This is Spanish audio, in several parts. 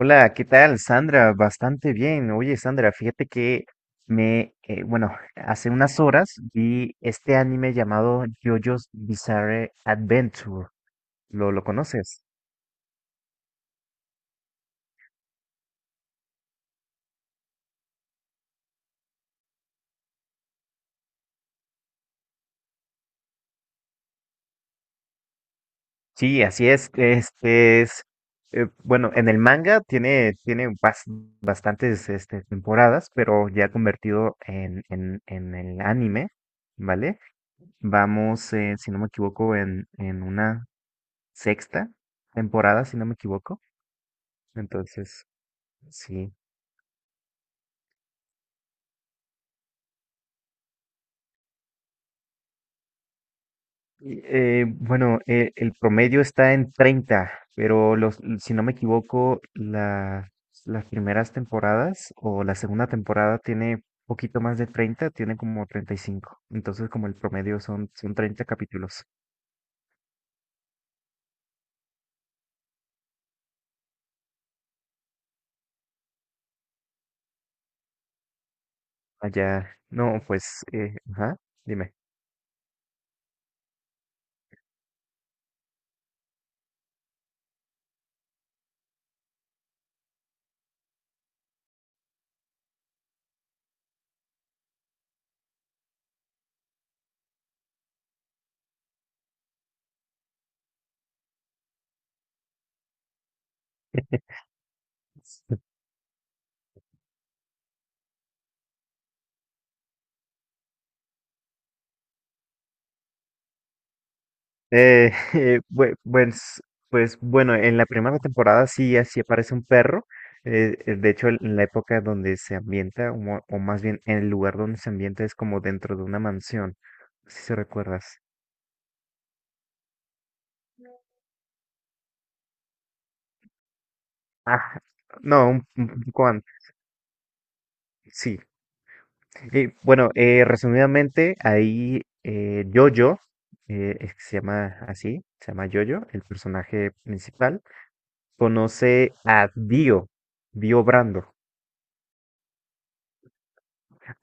Hola, ¿qué tal, Sandra? Bastante bien. Oye, Sandra, fíjate que bueno, hace unas horas vi este anime llamado JoJo's Bizarre Adventure. ¿Lo conoces? Sí, así es. Bueno, en el manga tiene bastantes temporadas, pero ya convertido en el anime, ¿vale? Vamos, si no me equivoco, en una sexta temporada, si no me equivoco. Entonces, sí. Y, bueno, el promedio está en 30, pero si no me equivoco, las primeras temporadas o la segunda temporada tiene poquito más de 30, tiene como 35. Entonces, como el promedio son 30 capítulos. Allá, no, pues, ajá, dime. Eh, bue- pues, pues bueno, en la primera temporada sí, así aparece un perro. De hecho, en la época donde se ambienta, o más bien en el lugar donde se ambienta es como dentro de una mansión, si se recuerdas. Ah, no, un poco antes, sí. Y bueno, resumidamente, ahí Jojo, es que se llama así, se llama Jojo, el personaje principal, conoce a Dio, Dio Brando.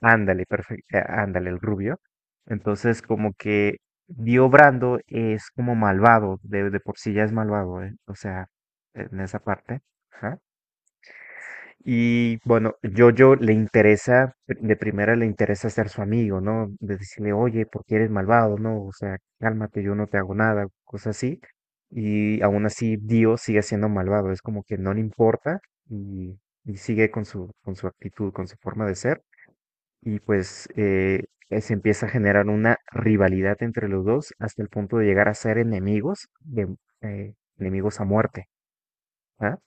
Ándale, perfecto, ándale, el rubio. Entonces, como que Dio Brando es como malvado, de por sí ya es malvado, ¿eh? O sea, en esa parte. Ajá. Y bueno, Jojo le interesa, de primera le interesa ser su amigo, ¿no? De decirle, oye, ¿por qué eres malvado? ¿No? O sea, cálmate, yo no te hago nada, cosas así. Y aún así, Dio sigue siendo malvado, es como que no le importa y, y sigue con su actitud, con su forma de ser y pues se empieza a generar una rivalidad entre los dos hasta el punto de llegar a ser enemigos, enemigos a muerte. ¿Ah?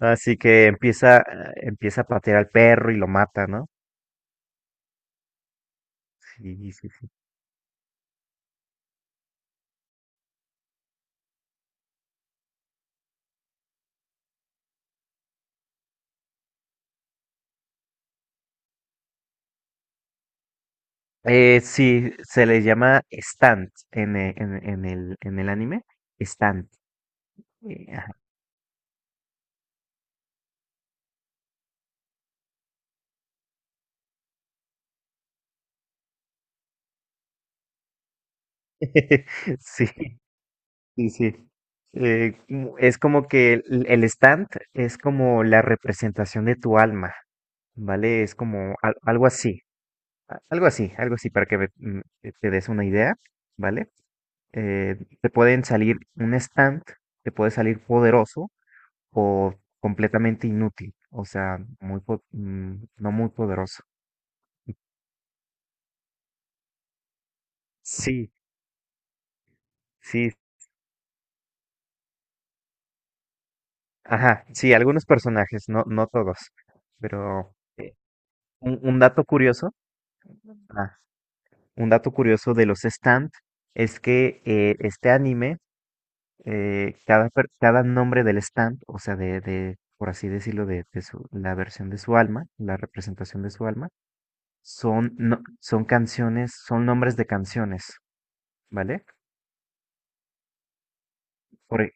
Así que empieza a patear al perro y lo mata, ¿no? Y sí. Sí, se le llama stand en, e- en- en el anime, stand. Ajá. Sí, sí, sí. Es como que el stand es como la representación de tu alma, ¿vale? Es como algo así, algo así, algo así, para que te des una idea, ¿vale? Te pueden salir un stand, te puede salir poderoso o completamente inútil, o sea, no muy poderoso. Sí, sí, ajá, sí, algunos personajes, no todos, pero un dato curioso. ah, un dato curioso de los stand es que este anime, cada nombre del stand, o sea, de, por así decirlo, la versión de su alma, la representación de su alma, son, no- son canciones, son nombres de canciones, ¿vale? Por e-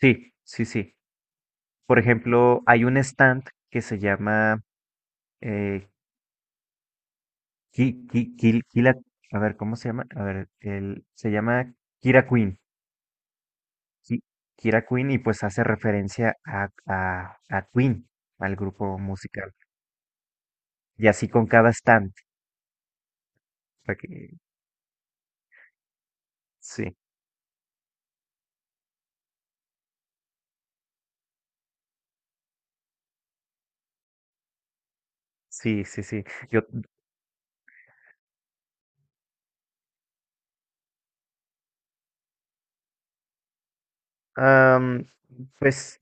sí, sí, sí. Por ejemplo, hay un stand que se llama eh, Ki- Ki- Kil- Kila- a ver, ¿cómo se llama? A ver, se llama Kira Queen. Ki- Kira Queen y pues hace referencia a Queen, al grupo musical. Y así con cada stand. para que- sí, sí, sí, sí. Yo, am, pues,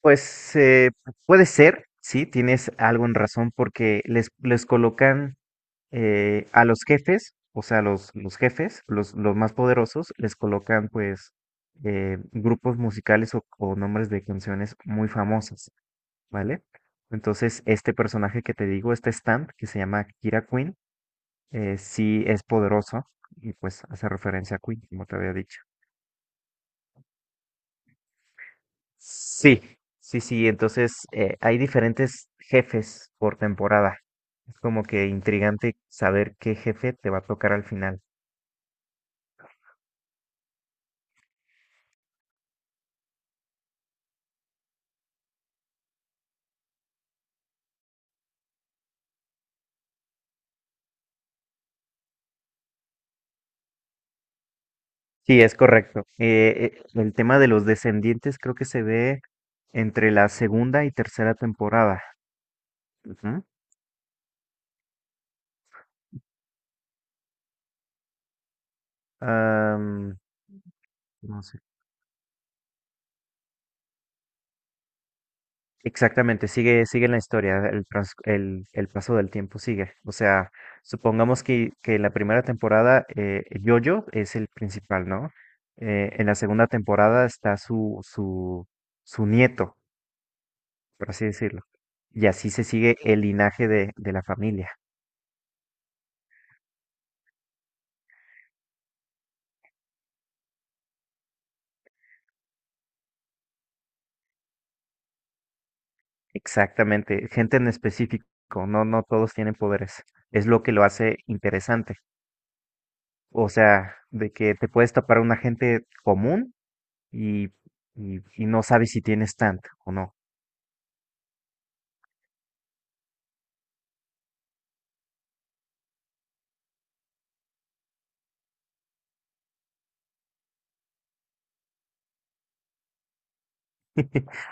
pues, puede ser, sí, tienes algo en razón porque les colocan a los jefes, o sea, los jefes, los más poderosos, les colocan pues grupos musicales o nombres de canciones muy famosas. ¿Vale? Entonces, este personaje que te digo, este Stamp, que se llama Kira Queen, sí es poderoso y pues hace referencia a Queen, como te había dicho. Sí, sí, sí. Entonces, hay diferentes jefes por temporada. Es como que intrigante saber qué jefe te va a tocar al final. Sí, es correcto. El tema de los descendientes creo que se ve entre la segunda y tercera temporada. Ujú. Am, no. Exactamente, sigue la historia, el paso del tiempo sigue. O sea, supongamos que en la primera temporada Yoyo es el principal, ¿no? En la segunda temporada está su nieto, por así decirlo. Y así se sigue el linaje de la familia. Exactamente, gente en específico, no todos tienen poderes. Es lo que lo hace interesante. O sea, de que te puedes tapar a una gente común y, y no sabes si tienes tanto o no.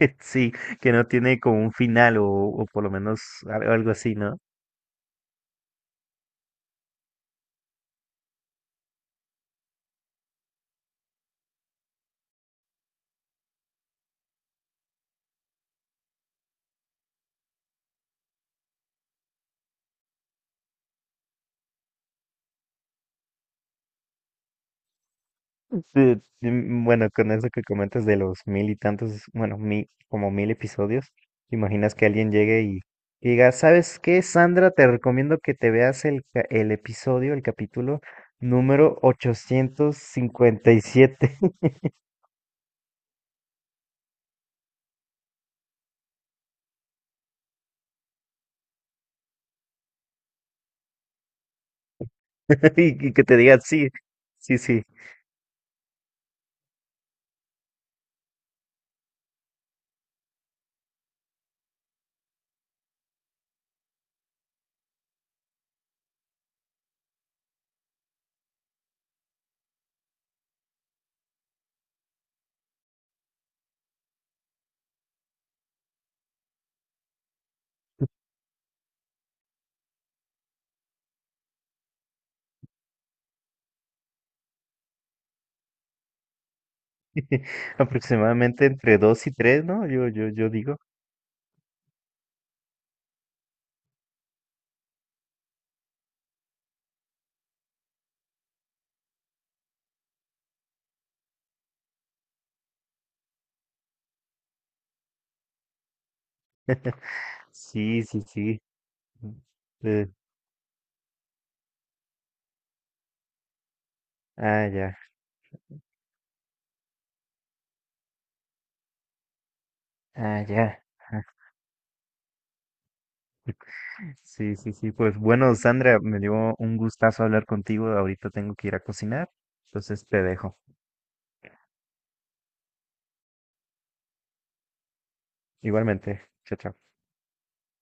Sí, sí, que no tiene como un final o por lo menos algo así, ¿no? Sí, sí, bueno, con eso que comentas de los mil y tantos, bueno, como mil episodios, ¿te imaginas que alguien llegue y diga, ¿sabes qué, Sandra? Te recomiendo que te veas el episodio, el capítulo número 857 y, siete. Y que te diga, sí, sí, sí. Aproximadamente entre dos y tres, ¿no? Yo digo. Sí, sí, sí. Eh, ah, ya, ah, ya. Sí, sí, sí. Pues bueno, Sandra, me dio un gustazo hablar contigo. Ahorita tengo que ir a cocinar. Entonces te dejo. Igualmente. Chao, chao.